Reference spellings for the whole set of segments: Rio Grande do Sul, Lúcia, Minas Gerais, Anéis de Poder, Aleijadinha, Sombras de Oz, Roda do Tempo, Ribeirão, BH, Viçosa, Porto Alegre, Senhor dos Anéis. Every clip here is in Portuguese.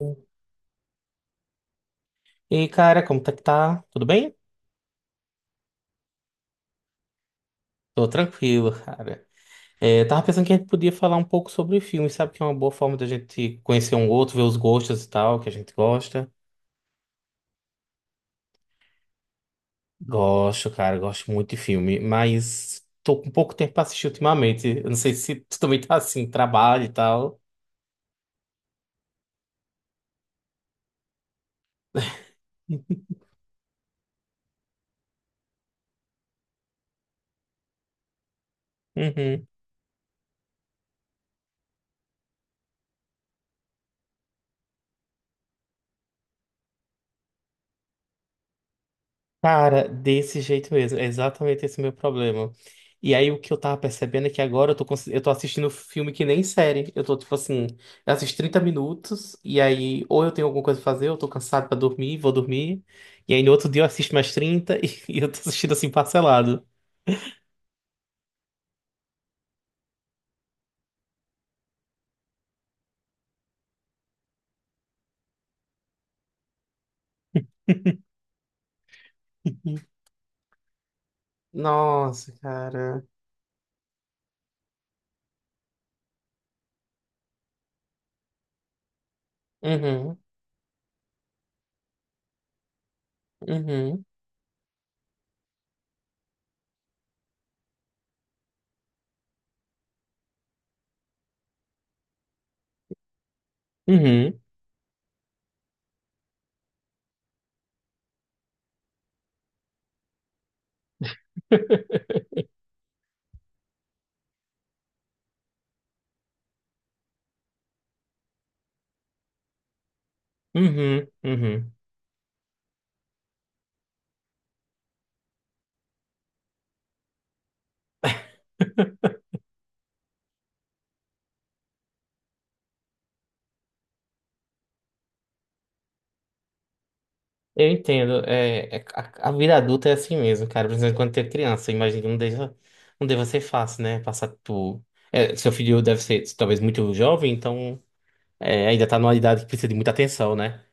E aí, cara, como tá que tá? Tudo bem? Tô tranquilo, cara. É, eu tava pensando que a gente podia falar um pouco sobre filmes, sabe? Que é uma boa forma da gente conhecer um outro, ver os gostos e tal, que a gente gosta. Gosto, cara, gosto muito de filme, mas tô com pouco tempo pra assistir ultimamente. Eu não sei se tu também tá assim, trabalho e tal. Uhum. Cara, desse jeito mesmo, é exatamente esse meu problema. E aí o que eu tava percebendo é que agora eu tô, eu tô assistindo filme que nem série. Eu tô tipo assim, eu assisto 30 minutos e aí ou eu tenho alguma coisa pra fazer, eu tô cansado pra dormir, vou dormir. E aí no outro dia eu assisto mais 30 e, e eu tô assistindo assim parcelado. Nossa, cara. Uhum, uhum, uhum, uhum, uhum. Eu entendo. A vida adulta é assim mesmo, cara. Principalmente quando tem criança. Eu imagino que não deva ser fácil, né? Passar por. É, seu filho deve ser talvez muito jovem, então é, ainda tá numa idade que precisa de muita atenção, né?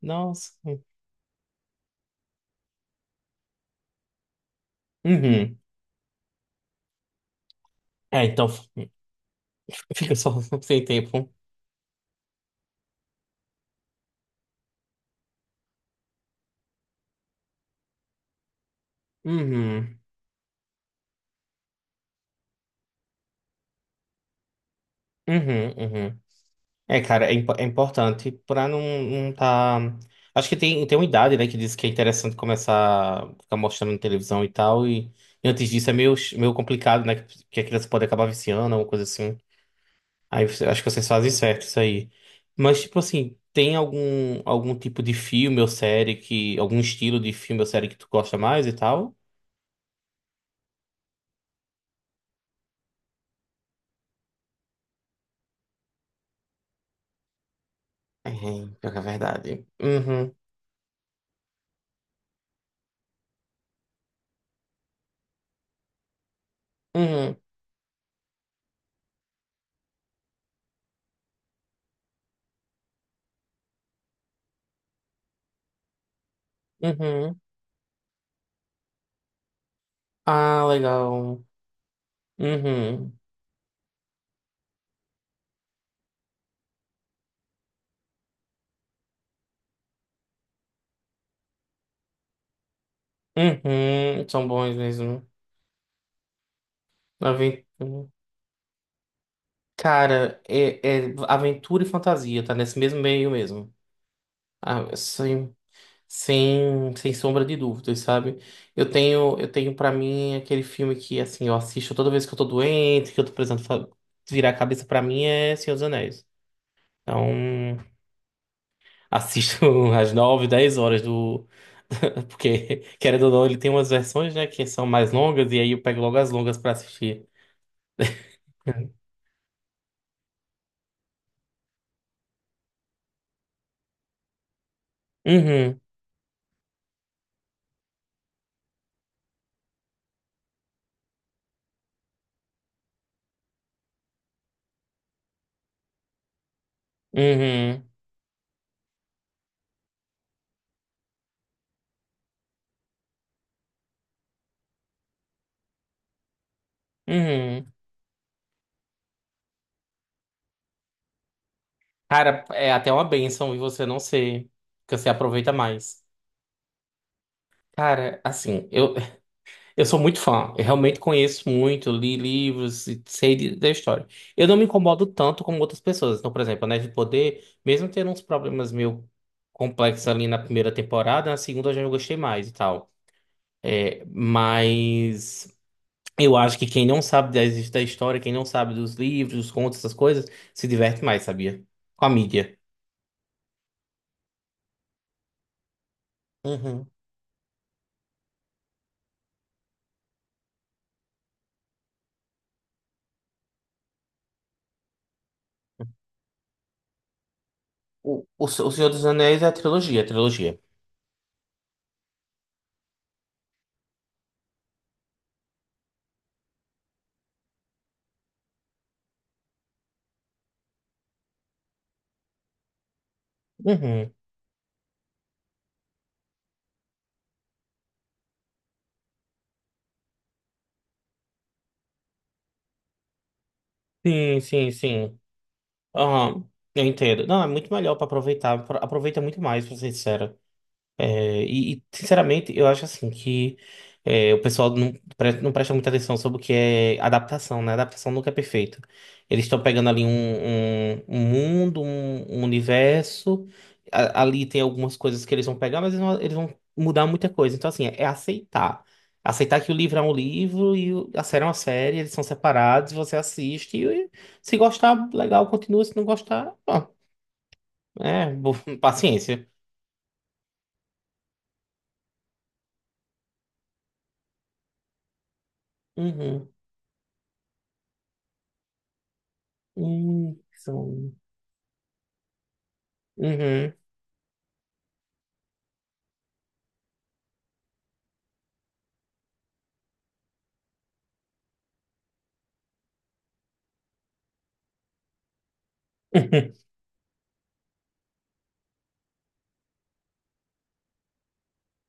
Nossa. Uhum. É, então fica só sem tempo. Uhum. Uhum, uhum. É, cara, é, impo- é importante pra não, não tá. Acho que tem uma idade, né, que diz que é interessante começar a ficar mostrando na televisão e tal, e antes disso é meio, meio complicado, né, que a criança pode acabar viciando, alguma coisa assim. Aí você- acho que vocês fazem certo isso aí. Mas, tipo assim, tem algum tipo de filme ou série algum estilo de filme ou série que tu gosta mais e tal? É, pior que é verdade. Uhum, uhum, uhum. Ah, legal. Uhum. Uhum, são bons mesmo. Aventura. Cara, é, é aventura e fantasia, tá nesse mesmo meio mesmo. Ah, sem sombra de dúvidas, sabe? Eu tenho para mim aquele filme que, assim, eu assisto toda vez que eu tô doente, que eu tô precisando virar a cabeça pra mim, é Senhor dos Anéis. Então, assisto às 9 10 horas do. Porque, querendo ou não, ele tem umas versões, né, que são mais longas, e aí eu pego logo as longas pra assistir. Uhum, uhum, uhum. Cara, é até uma bênção e você não ser, porque você aproveita mais. Cara, assim, eu sou muito fã, eu realmente conheço muito, li livros e sei da história. Eu não me incomodo tanto como outras pessoas. Então, por exemplo, Anéis de Poder, mesmo tendo uns problemas meio complexos ali na primeira temporada, na segunda eu já gostei mais e tal. É, mas eu acho que quem não sabe da história, quem não sabe dos livros, dos contos, essas coisas, se diverte mais, sabia? Com a mídia. Uhum. O, Se- o Senhor dos Anéis é a trilogia, a trilogia. Uhum. Sim, sim, sim. Aham. Eu entendo. Não, é muito melhor pra aproveitar. Aproveita muito mais, pra ser sincero. É, e, sinceramente, eu acho assim que o pessoal não presta muita atenção sobre o que é adaptação, né? Adaptação nunca é perfeito. Eles estão pegando ali um, um, mundo, um universo. A- ali tem algumas coisas que eles vão pegar, mas eles vão mudar muita coisa. Então, assim, é aceitar. Aceitar que o livro é um livro e o- a série é uma série, eles são separados, você assiste e se gostar, legal, continua. Se não gostar, bom, é, paciência. Uhum. São. Uhum.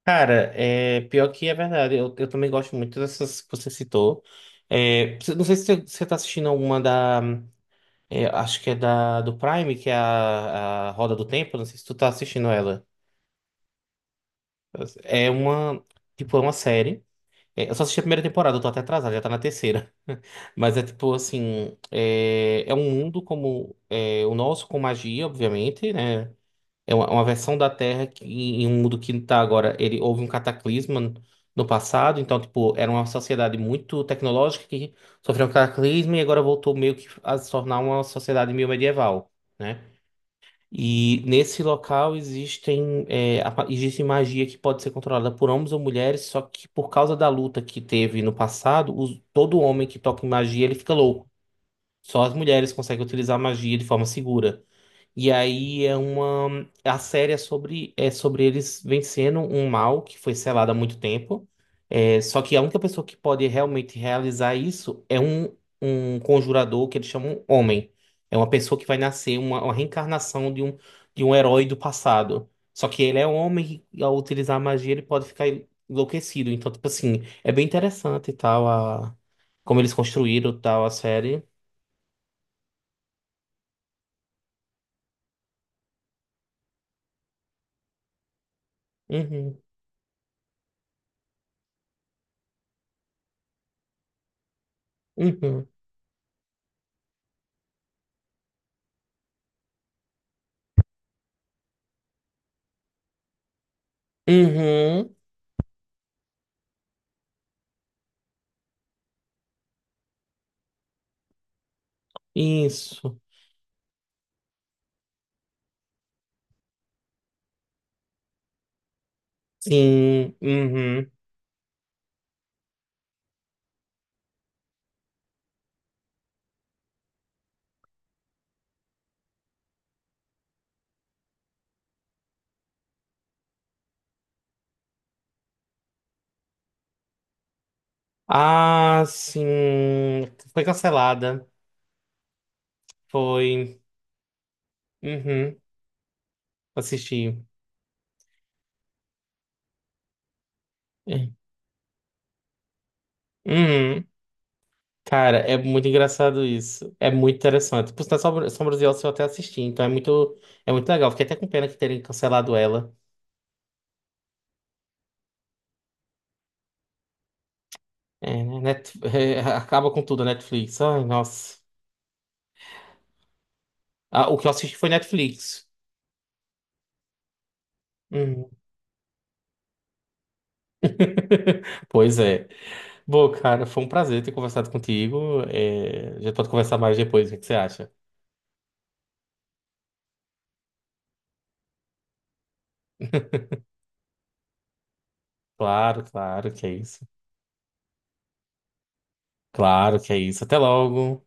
Cara, é, pior que é verdade. Eu também gosto muito dessas que você citou. É, você- não sei se você tá assistindo alguma da. É, acho que é da do Prime, que é a Roda do Tempo. Não sei se tu tá assistindo ela. É uma. Tipo, é uma série. É, eu só assisti a primeira temporada, eu tô até atrasado, já tá na terceira. Mas é tipo assim. É, é um mundo como é, o nosso, com magia, obviamente, né? É uma versão da Terra que, em um mundo que não tá agora. Ele houve um cataclisma no passado, então, tipo, era uma sociedade muito tecnológica que sofreu um cataclisma e agora voltou meio que a se tornar uma sociedade meio medieval, né? E nesse local existem, existe magia que pode ser controlada por homens ou mulheres, só que por causa da luta que teve no passado, todo homem que toca em magia, ele fica louco. Só as mulheres conseguem utilizar a magia de forma segura. E aí é uma a série é sobre eles vencendo um mal que foi selado há muito tempo. É, só que a única pessoa que pode realmente realizar isso é um, conjurador que eles chamam homem. É uma pessoa que vai nascer, uma reencarnação de um herói do passado. Só que ele é um homem e ao utilizar a magia ele pode ficar enlouquecido. Então, tipo assim, é bem interessante e tal, a, como eles construíram tal a série. Uhum, uhum, uhum, isso. Sim, uhum. Ah, sim. Foi cancelada. Foi. Uhum. Assisti. É. Uhum. Cara, é muito engraçado isso. É muito interessante. Por sinal, Sombras de Oz eu até assisti, então é muito legal. Fiquei até com pena que terem cancelado ela. É, né, é, acaba com tudo a Netflix. Ai, nossa. Ah, o que eu assisti foi Netflix. Uhum. Pois é. Bom, cara, foi um prazer ter conversado contigo. É, a gente pode conversar mais depois, o que que você acha? Claro, claro que é isso. Claro que é isso. Até logo.